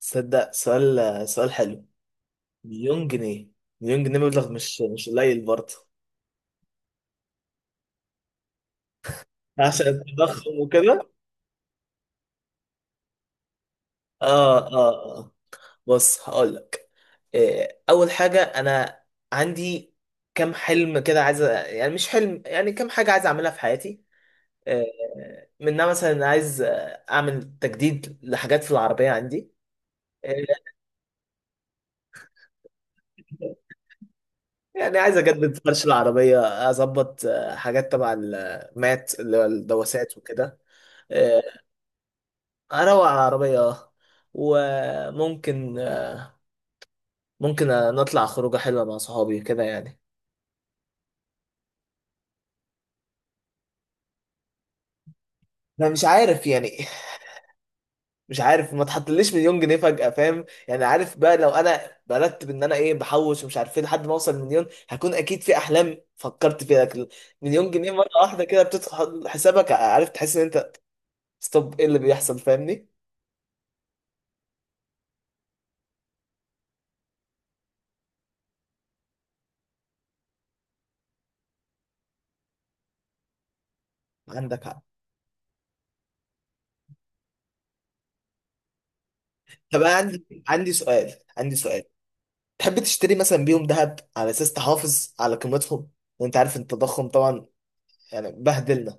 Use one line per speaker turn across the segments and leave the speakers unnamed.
تصدق؟ سؤال حلو. مليون جنيه. مليون جنيه مبلغ مش قليل برضه. عشان التضخم وكده. اه، اه، اه. بص، هقول لك. إيه، اول حاجه انا عندي كام حلم كده عايز يعني مش حلم، يعني كام حاجه عايز اعملها في حياتي. آه، منها مثلا عايز اعمل تجديد لحاجات في العربيه عندي. آه، يعني عايز اجدد فرش العربيه. اظبط حاجات تبع المات اللي هو الدواسات وكده. آه، اروق على العربية، اه. وممكن نطلع خروجة حلوة مع صحابي كده يعني. انا مش عارف يعني، مش عارف. ما تحطليش مليون جنيه فجأة، فاهم يعني؟ عارف بقى، لو انا برتب ان انا ايه بحوش ومش عارف ايه لحد ما اوصل مليون، هكون اكيد في احلام فكرت فيها، لكن مليون جنيه مرة واحدة كده بتدخل حسابك، عارف، تحس ان انت ستوب، ايه اللي بيحصل؟ فاهمني؟ عندك حق. طب أنا عندي سؤال، عندي سؤال. تحب تشتري مثلا بيهم ذهب على اساس تحافظ على قيمتهم، وانت عارف ان التضخم طبعا يعني بهدلنا؟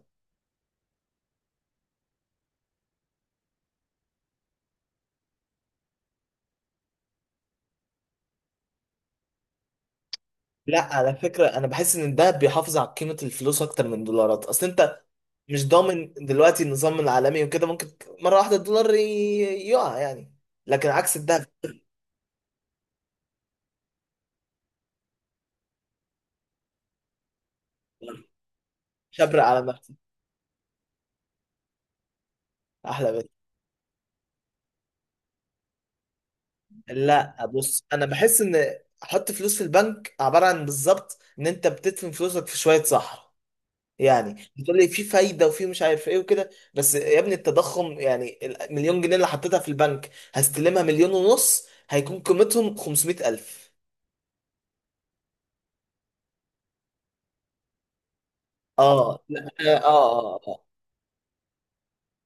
لا، على فكره، انا بحس ان الذهب بيحافظ على قيمه الفلوس اكتر من الدولارات. اصل انت مش ضامن دلوقتي النظام العالمي وكده، ممكن مره واحده الدولار يقع يعني، لكن عكس الذهب. شبر على نفسك، احلى بيت. لا، بص، انا بحس ان احط فلوس في البنك عباره عن بالظبط ان انت بتدفن فلوسك في شويه صحراء. يعني بتقول لي في فايده وفي مش عارف ايه وكده، بس يا ابني التضخم، يعني المليون جنيه اللي حطيتها في البنك، هستلمها مليون ونص هيكون قيمتهم 500,000. اه، لا، اه، اه، اه، آه.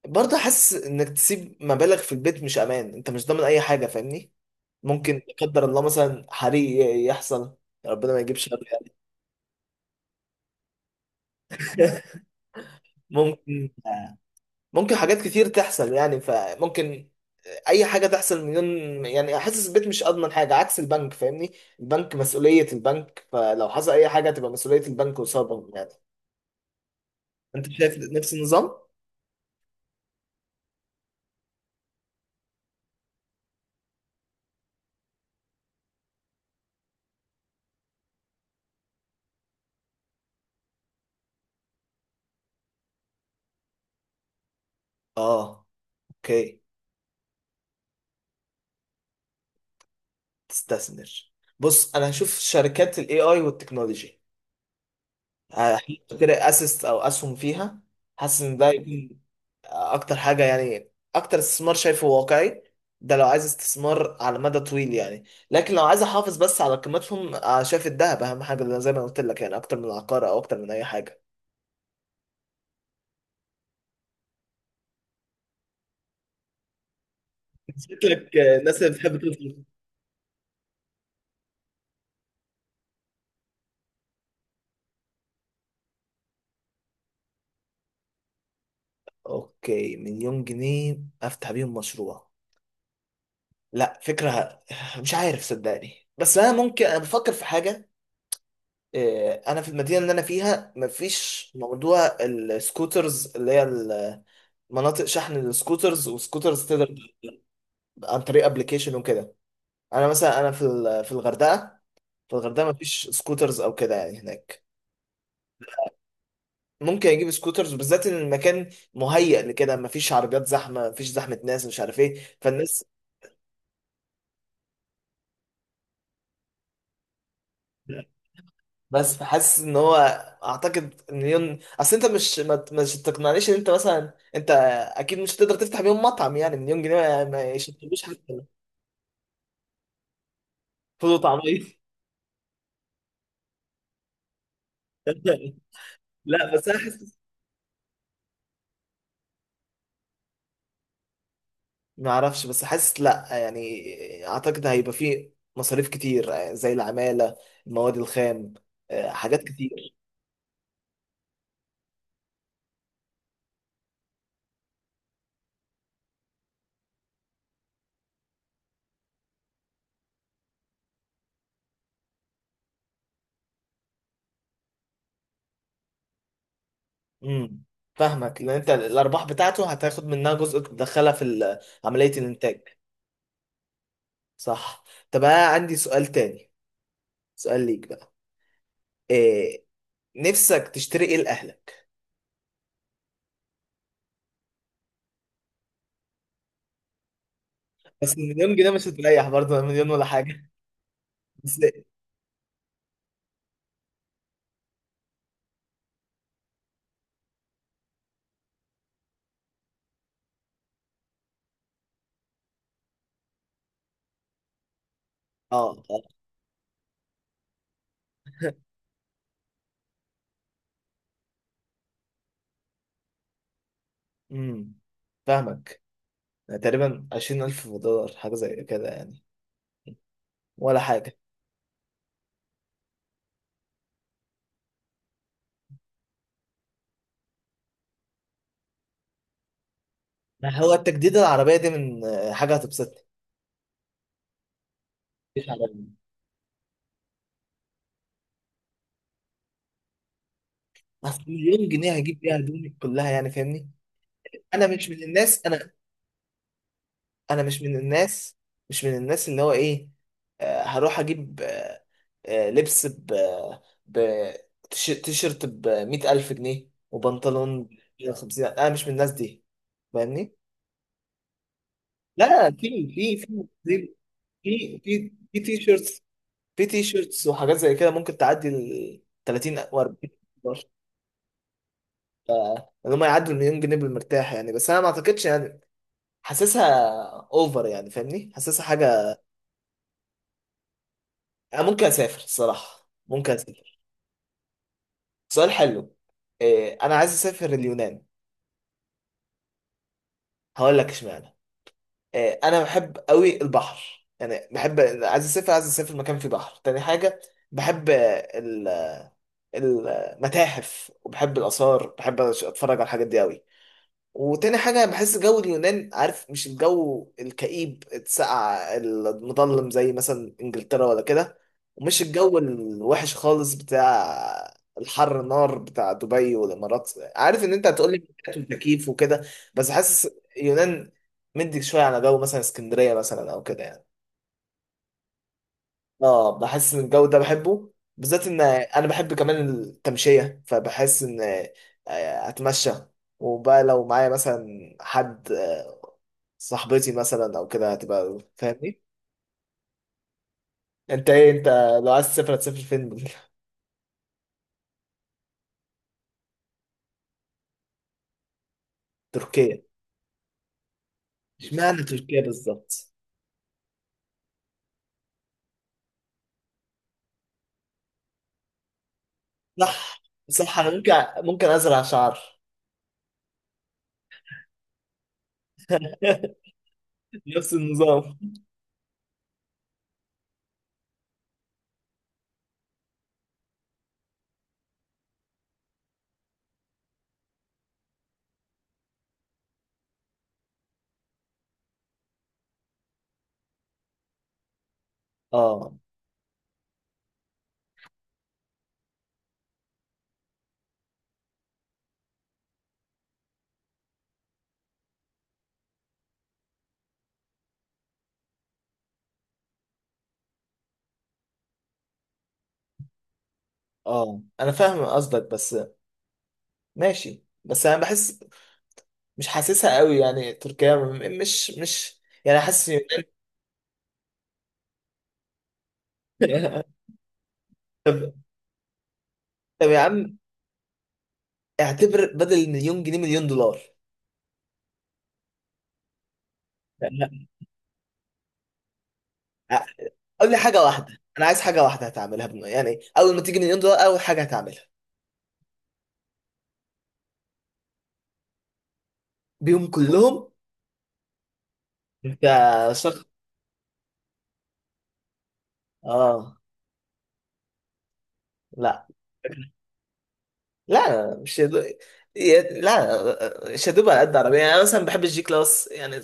برضه حاسس انك تسيب مبالغ في البيت مش امان، انت مش ضامن اي حاجه، فاهمني؟ ممكن لا قدر الله مثلا حريق يحصل، ربنا ما يجيب شر يعني. ممكن آه، ممكن حاجات كتير تحصل يعني، فممكن اي حاجه تحصل. مليون يعني، حاسس البيت مش اضمن حاجه عكس البنك، فاهمني؟ البنك مسؤوليه البنك، فلو حصل اي حاجه تبقى مسؤوليه البنك قصادهم يعني. انت شايف نفس النظام؟ اه. اوكي. تستثمر؟ بص، انا هشوف شركات الاي اي والتكنولوجي، هشتري اسيست او اسهم فيها. حاسس ان ده يكون اكتر حاجه يعني، اكتر استثمار شايفه واقعي. ده لو عايز استثمار على مدى طويل يعني. لكن لو عايز احافظ بس على قيمتهم، شايف الذهب اهم حاجه، لأن زي ما قلت لك يعني، اكتر من العقار او اكتر من اي حاجه. شكلك الناس اللي بتحب تصرف. اوكي، مليون جنيه افتح بيهم مشروع. لا، فكره مش عارف، صدقني، بس انا ممكن، انا بفكر في حاجه. انا في المدينه اللي انا فيها مفيش موضوع السكوترز، اللي هي مناطق شحن السكوترز، وسكوترز تقدر عن طريق ابلكيشن وكده. انا مثلا، انا في في الغردقه، في الغردقه ما فيش سكوترز او كده يعني هناك. ممكن اجيب سكوترز، بالذات ان المكان مهيأ لكده، ما فيش عربيات زحمه، ما فيش زحمه ناس، مش عارف ايه، فالناس. بس حاسس ان هو، اعتقد ان اصل انت مش تقنعنيش ان انت مثلا، انت اكيد مش هتقدر تفتح بيهم مطعم، يعني مليون جنيه ما يشتروش حتى فول وطعميه. لا، بس انا حاسس، ما اعرفش، بس حاسس لا يعني. اعتقد هيبقى فيه مصاريف كتير، زي العمالة، المواد الخام، حاجات كتير. امم فاهمك، لان انت الارباح بتاعته هتاخد منها جزء تدخلها في عملية الانتاج. صح. طب انا عندي سؤال تاني، سؤال ليك بقى. إيه، نفسك تشتري ايه لاهلك؟ بس المليون جنيه مش هتريح برضه، مليون ولا حاجة. بس، اه، اه، امم فاهمك. تقريبا 20,000 دولار حاجة زي كده يعني، ولا حاجة. ما هو التجديد العربية دي من حاجة هتبسطني. مش عربية؟ أصل مليون جنيه هجيب بيها هدومي كلها يعني، فاهمني؟ أنا مش من الناس. أنا مش من الناس، مش من الناس اللي هو إيه، هروح أجيب، لبس ب تيشيرت ب 100,000 جنيه، وبنطلون ب 50. أنا مش من الناس دي، فاهمني. لا، في في تيشيرتس، في تيشيرتس وحاجات زي كده ممكن تعدي ال 30 و 40. ان هم يعدوا المليون جنيه بالمرتاح يعني، بس انا ما اعتقدش يعني. حاسسها اوفر يعني، فاهمني، حاسسها حاجه. انا ممكن اسافر الصراحه، ممكن اسافر. سؤال حلو. إيه، انا عايز اسافر اليونان. هقول لك اشمعنى. إيه، انا بحب قوي البحر يعني، بحب، عايز اسافر، مكان فيه بحر. تاني حاجه، بحب المتاحف وبحب الاثار، بحب اتفرج على الحاجات دي قوي. وتاني حاجة بحس جو اليونان، عارف، مش الجو الكئيب الساقع المظلم زي مثلا انجلترا ولا كده، ومش الجو الوحش خالص بتاع الحر نار بتاع دبي والامارات، عارف ان انت هتقول لي تكييف وكده، بس حاسس اليونان مدي شوية على جو مثلا اسكندرية مثلا او كده يعني. اه، بحس ان الجو ده بحبه، بالذات ان انا بحب كمان التمشيه، فبحس ان اتمشى. وبقى لو معايا مثلا حد، صاحبتي مثلا او كده، هتبقى فاهمني. انت ايه، انت لو عايز تسافر هتسافر فين؟ تركيا؟ اشمعنى تركيا بالظبط؟ صح، صح، انا ممكن ازرع شعر. نفس النظام. اه، اه، انا فاهم قصدك، بس ماشي. بس انا بحس مش حاسسها قوي يعني، تركيا مش يعني، حاسس طب طب يا عم، اعتبر بدل المليون جنيه مليون دولار. لا، قول لي حاجه واحده، انا عايز حاجه واحده هتعملها يعني اول ما تيجي مليون دولار، اول حاجه هتعملها. بيهم كلهم؟ انت شخص؟ اه، لا، لا، مش يدو... ي- لا مش هدوب على قد عربيه، يعني انا مثلا بحب الجي كلاس يعني،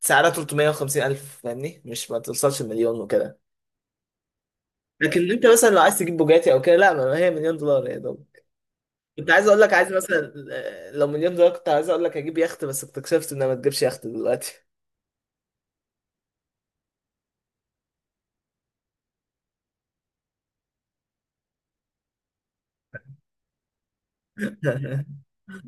سعرها 350 الف، فاهمني، مش ما توصلش المليون وكده. لكن انت مثلا لو عايز تجيب بوجاتي او كده، لا ما هي مليون دولار يا دوب. كنت عايز اقول لك، عايز مثلا، لو مليون دولار كنت عايز اقول لك هجيب يخت، بس اكتشفت انها ما تجيبش يخت دلوقتي.